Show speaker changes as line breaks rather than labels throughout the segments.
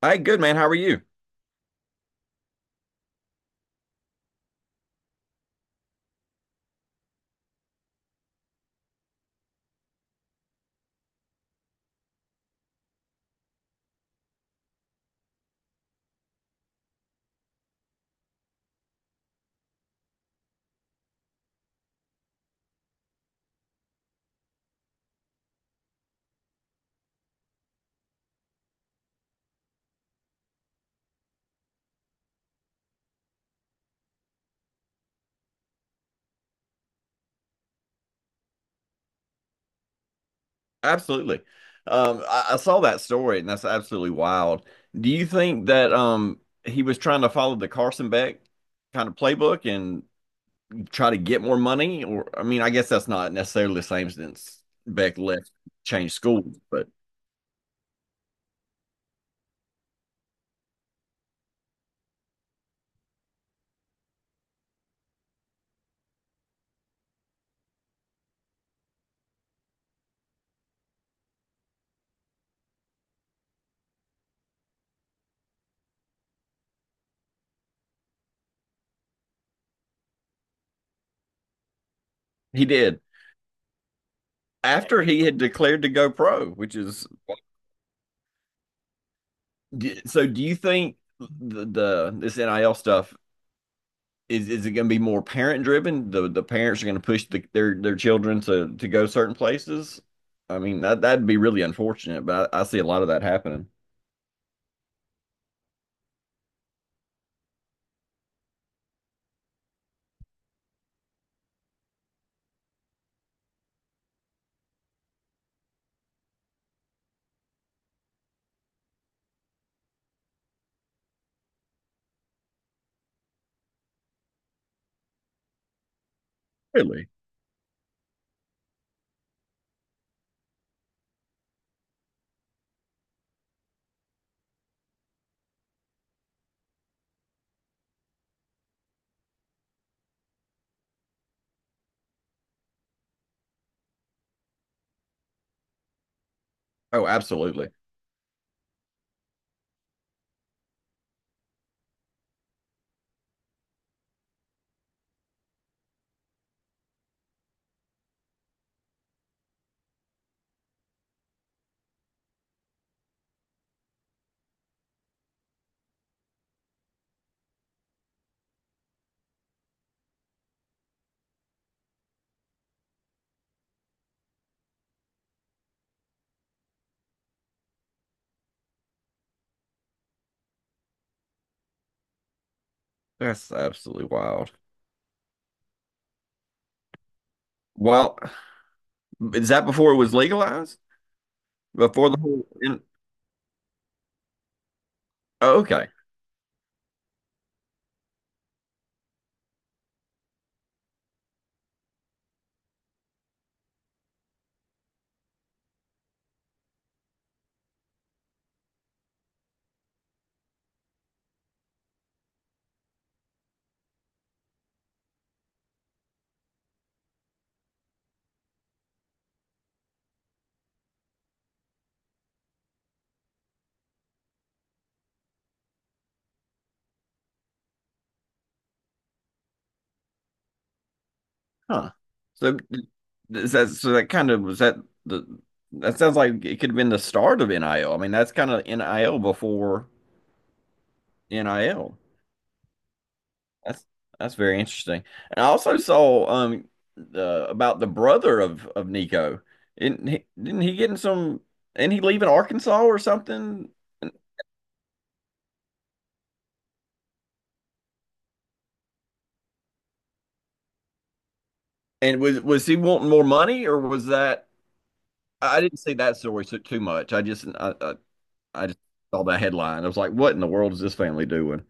Hey, good man. How are you? Absolutely. I saw that story, and that's absolutely wild. Do you think that he was trying to follow the Carson Beck kind of playbook and try to get more money? Or I mean, I guess that's not necessarily the same since Beck left, changed schools, but he did after he had declared to go pro, which is so. Do you think the this NIL stuff? Is it going to be more parent driven? The parents are going to push their children to go certain places. I mean that'd be really unfortunate, but I see a lot of that happening. Really? Oh, absolutely. That's absolutely wild. Well, is that before it was legalized? Before the whole? In, oh, okay. Huh. So is that, so that kind of, was that the, that sounds like it could have been the start of NIL. I L. I mean, that's kind of NIL before NIL. That's that's very interesting. And I also saw the about the brother of Nico. Didn't he get in some and he leaving Arkansas or something? And was he wanting more money or was that? I didn't see that story so too much. I just saw that headline. I was like, what in the world is this family doing?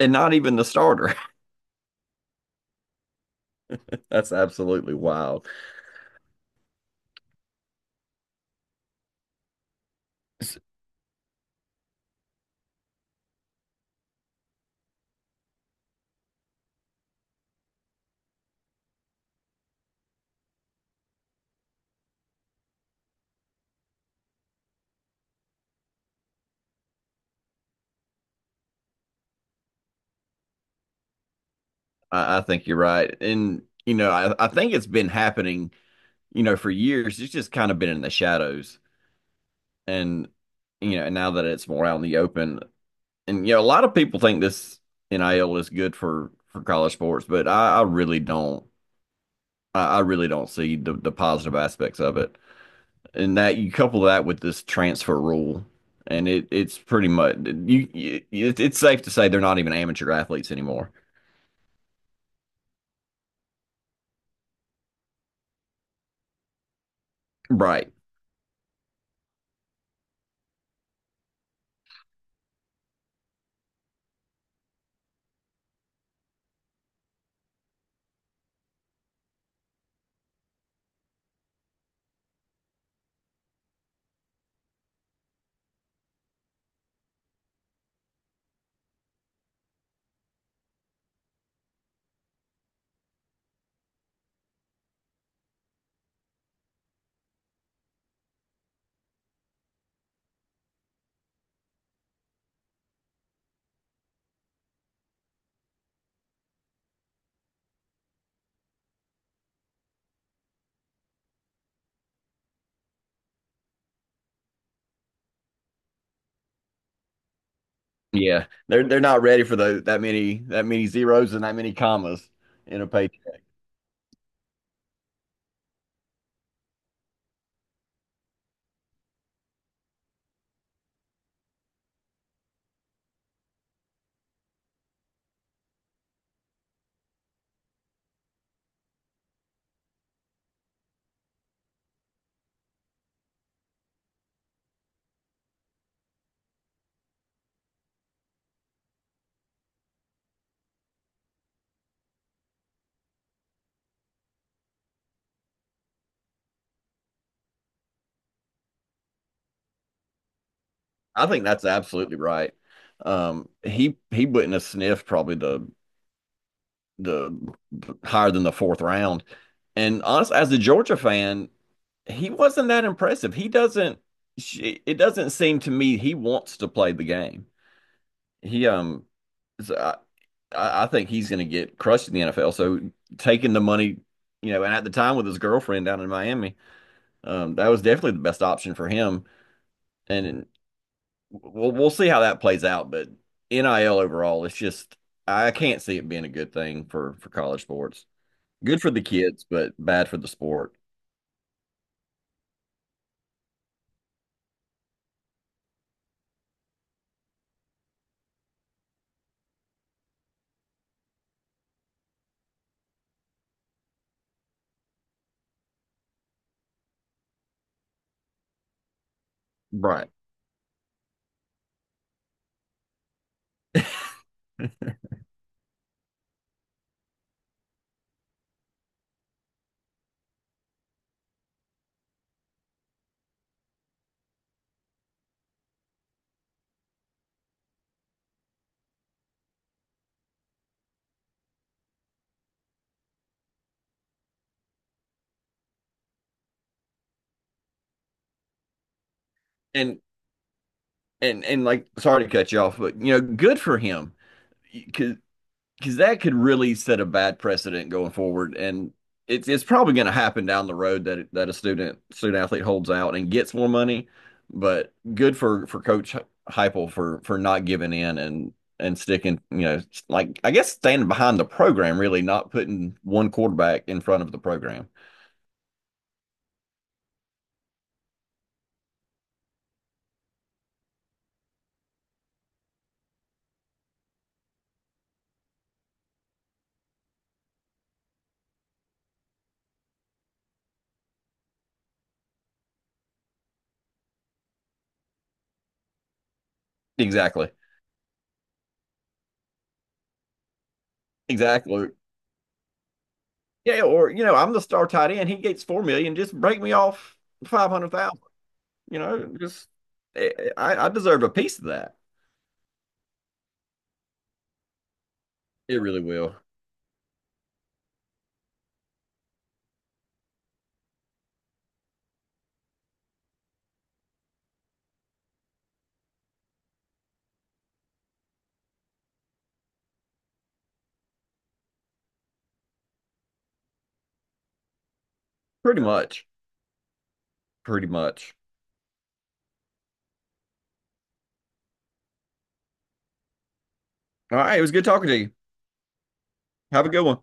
And not even the starter. That's absolutely wild. S- I think you're right. And I think it's been happening, for years. It's just kind of been in the shadows and and now that it's more out in the open, and a lot of people think this NIL is good for college sports, but I really don't. I really don't see the positive aspects of it. And that you couple that with this transfer rule, and it's pretty much you. It's safe to say they're not even amateur athletes anymore, right? Yeah, they're not ready for the that many that many zeros and that many commas in a pay. I think that's absolutely right. He wouldn't have sniffed probably the higher than the fourth round. And honestly, as a Georgia fan, he wasn't that impressive. He doesn't. It doesn't seem to me he wants to play the game. He so I think he's going to get crushed in the NFL. So taking the money, and at the time with his girlfriend down in Miami, that was definitely the best option for him. And we'll see how that plays out, but NIL overall, it's just I can't see it being a good thing for college sports. Good for the kids, but bad for the sport. Right. And and like, sorry to cut you off, but good for him. Because that could really set a bad precedent going forward, and it's probably going to happen down the road that that a student athlete holds out and gets more money. But good for Coach Heupel for not giving in and sticking, like I guess standing behind the program, really not putting one quarterback in front of the program. Exactly, exactly. Yeah, or I'm the star tight end. He gets 4 million. Just break me off 500,000. Just I deserve a piece of that. It really will. Pretty much. Pretty much. All right. It was good talking to you. Have a good one.